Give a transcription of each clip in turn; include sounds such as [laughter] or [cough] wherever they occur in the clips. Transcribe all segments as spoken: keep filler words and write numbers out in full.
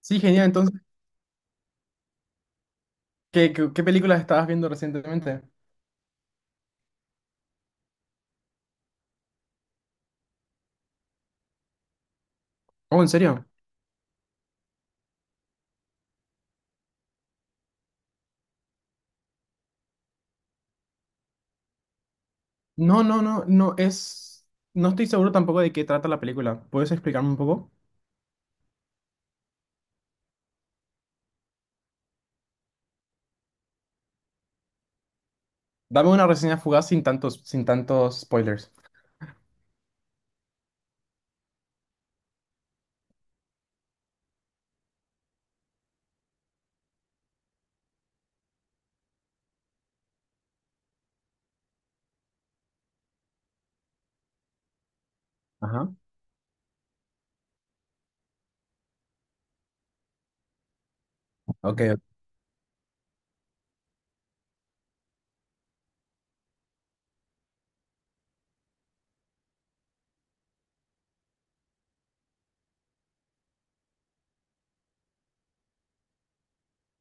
Sí, genial. Entonces, ¿qué, qué, qué películas estabas viendo recientemente? Oh, ¿en serio? No, no, no, no es. No estoy seguro tampoco de qué trata la película. ¿Puedes explicarme un poco? Dame una reseña fugaz sin tantos, sin tantos spoilers. Ajá, ok,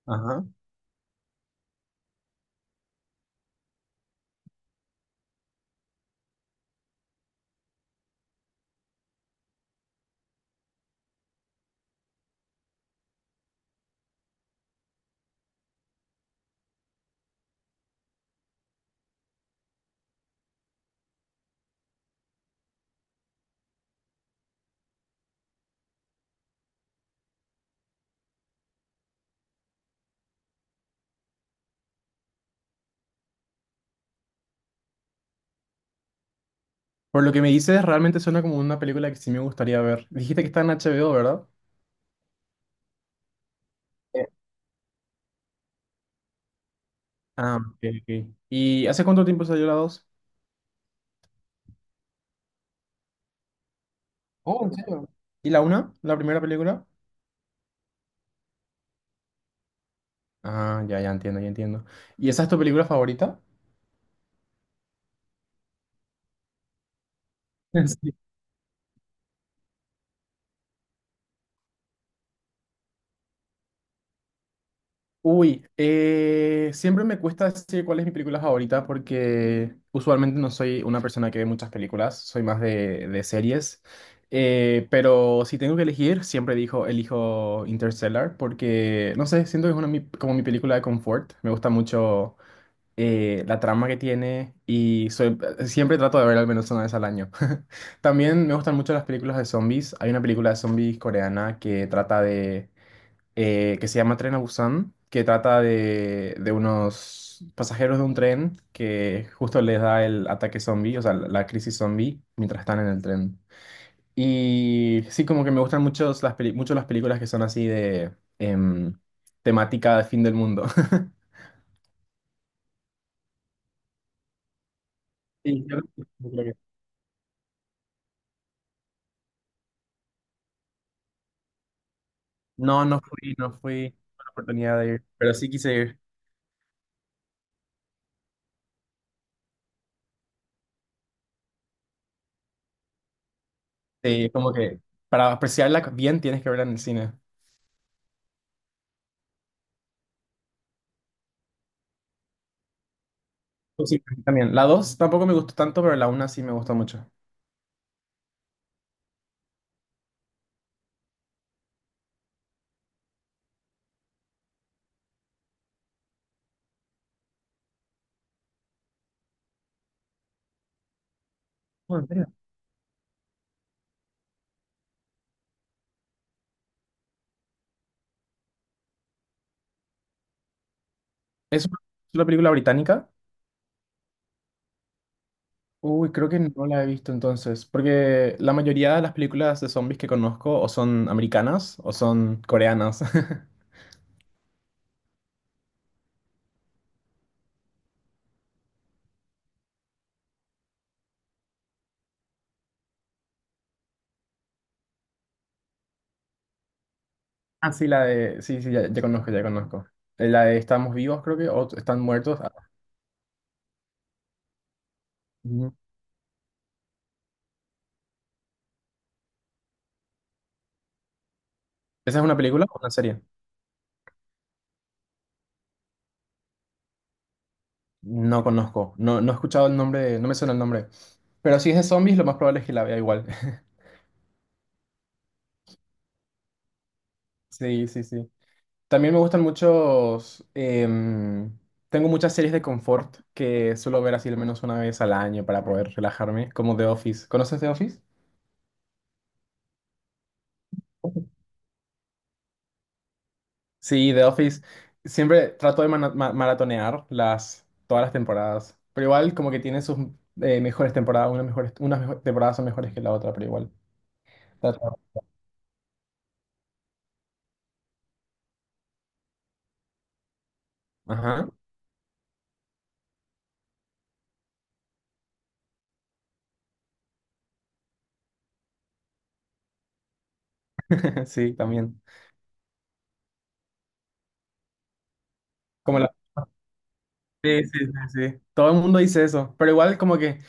ajá. Por lo que me dices, realmente suena como una película que sí me gustaría ver. Dijiste que está en H B O, ¿verdad? Eh, Ah, ok, ok. ¿Y hace cuánto tiempo salió la dos? Oh, ¿en serio? ¿Y la una? ¿La primera película? Ah, ya, ya entiendo, ya entiendo. ¿Y esa es tu película favorita? [laughs] Uy, eh, siempre me cuesta decir cuál es mi película favorita porque usualmente no soy una persona que ve muchas películas, soy más de, de series. Eh, pero si tengo que elegir, siempre dijo, elijo Interstellar porque, no sé, siento que es una, de mi- como mi película de confort. Me gusta mucho eh, la trama que tiene y soy, siempre trato de ver al menos una vez al año. [laughs] También me gustan mucho las películas de zombies. Hay una película de zombies coreana que trata de eh, que se llama Tren a Busan, que trata de, de unos pasajeros de un tren que justo les da el ataque zombie, o sea, la la crisis zombie, mientras están en el tren. Y sí, como que me gustan mucho las, peli- mucho las películas que son así de em, temática de fin del mundo. [laughs] Sí, yo creo que- No, no fui, no fui con la oportunidad de ir, pero sí quise ir. Sí, como que para apreciarla bien tienes que verla en el cine. Sí, también. La dos tampoco me gustó tanto, pero la una sí me gustó mucho. Oh, ¿en serio? ¿Es una ¿Es una película británica? Uy, creo que no la he visto entonces, porque la mayoría de las películas de zombies que conozco o son americanas o son coreanas. [laughs] Ah, sí, la de... Sí, sí, ya, ya conozco, ya conozco. Eh, La de Estamos vivos, creo que, o Están muertos. Ah, ujú. ¿Esa es una película o una serie? No conozco, no, no he escuchado el nombre, no me suena el nombre. Pero si es de zombies, lo más probable es que la vea igual. [laughs] Sí, sí, sí. También me gustan muchos. Em, tengo muchas series de confort que suelo ver así al menos una vez al año para poder relajarme, como The Office. ¿Conoces The Office? Sí, The Office. Siempre trato de mana- ma- maratonear las, todas las temporadas. Pero igual como que tiene sus eh, mejores temporadas. Unas mejores, unas mejo- temporadas son mejores que la otra, pero igual. Trato- Ajá. [laughs] Sí, también. Como sí, sí, sí, sí. Todo el mundo dice eso, pero igual como que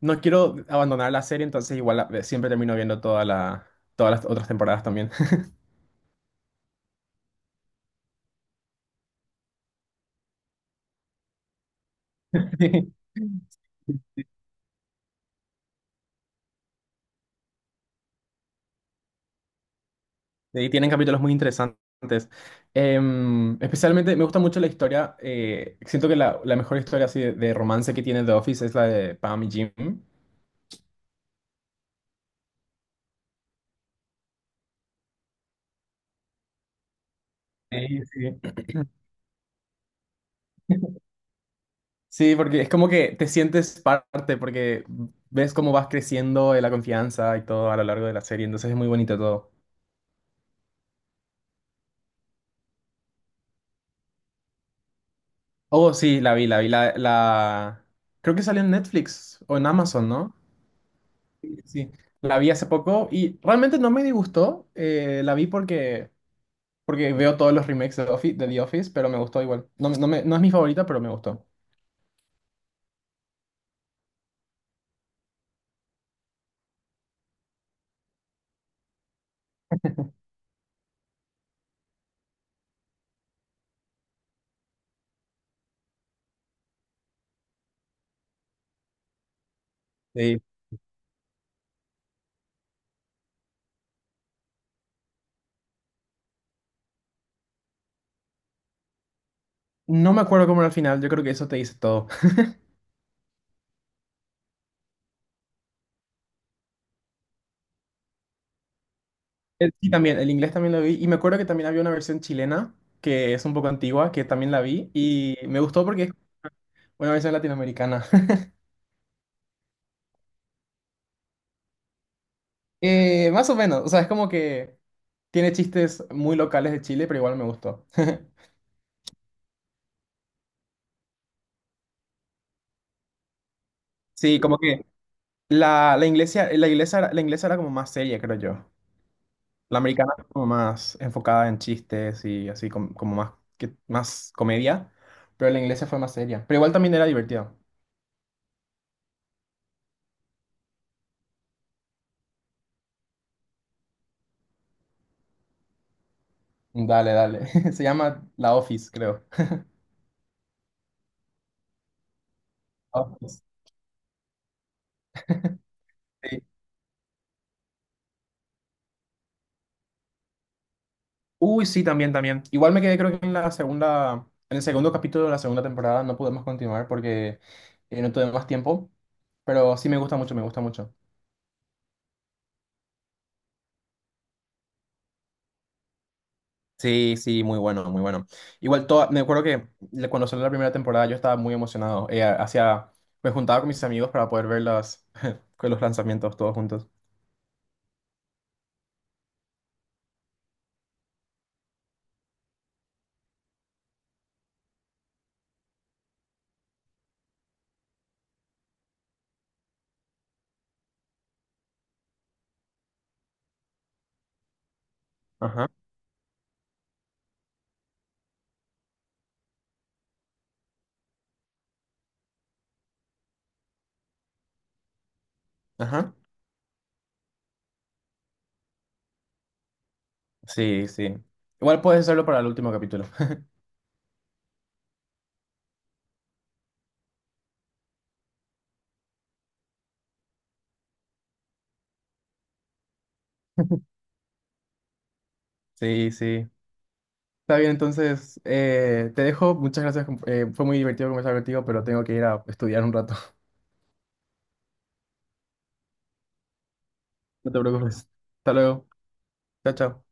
no quiero abandonar la serie, entonces igual la- siempre termino viendo toda la, todas las otras temporadas también. [laughs] Sí. Y tienen capítulos muy interesantes. Em, especialmente me gusta mucho la historia, eh, siento que la, la mejor historia así de, de romance que tiene The Office es la de Pam y Jim. Sí, sí. Sí, porque es como que te sientes parte, porque ves cómo vas creciendo eh, la confianza y todo a lo largo de la serie, entonces es muy bonito todo. Oh, sí, la vi, la vi, la, la... Creo que salió en Netflix o en Amazon, ¿no? Sí, sí, sí. La vi hace poco y realmente no me disgustó. Eh, la vi porque, porque veo todos los remakes de, Offi- de The Office, pero me gustó igual. No, no, me- no es mi favorita, pero me gustó. Sí. No me acuerdo cómo era el final, yo creo que eso te dice todo. [laughs] El- Sí, también, el inglés también lo vi y me acuerdo que también había una versión chilena que es un poco antigua, que también la vi y me gustó porque es una versión latinoamericana. [laughs] Eh, más o menos, o sea, es como que tiene chistes muy locales de Chile, pero igual me gustó. [laughs] Sí, como que la, la iglesia, la iglesia, era- la inglesa era como más seria, creo yo. La americana era como más enfocada en chistes y así com- como, más, que, más comedia, pero la inglesa fue más seria. Pero igual también era divertido. Dale, dale. [laughs] Se llama La Office, creo. Office. Sí. Uy, sí, también, también. Igual me quedé, creo que en la segunda, en el segundo capítulo de la segunda temporada no pudimos continuar porque eh, no tuve más tiempo. Pero sí me gusta mucho, me gusta mucho. Sí, sí, muy bueno, muy bueno. Igual, toda, me acuerdo que le- cuando salió la primera temporada yo estaba muy emocionado. Eh, hacía, me juntaba con mis amigos para poder ver las, [laughs] con los lanzamientos todos juntos. Ajá, ajá. Sí, sí. Igual puedes hacerlo para el último capítulo. [laughs] Sí, sí. Está bien, entonces eh, te dejo. Muchas gracias. Eh, fue muy divertido conversar contigo, pero tengo que ir a estudiar un rato. [laughs] No te preocupes. Hasta luego. Chao, chao.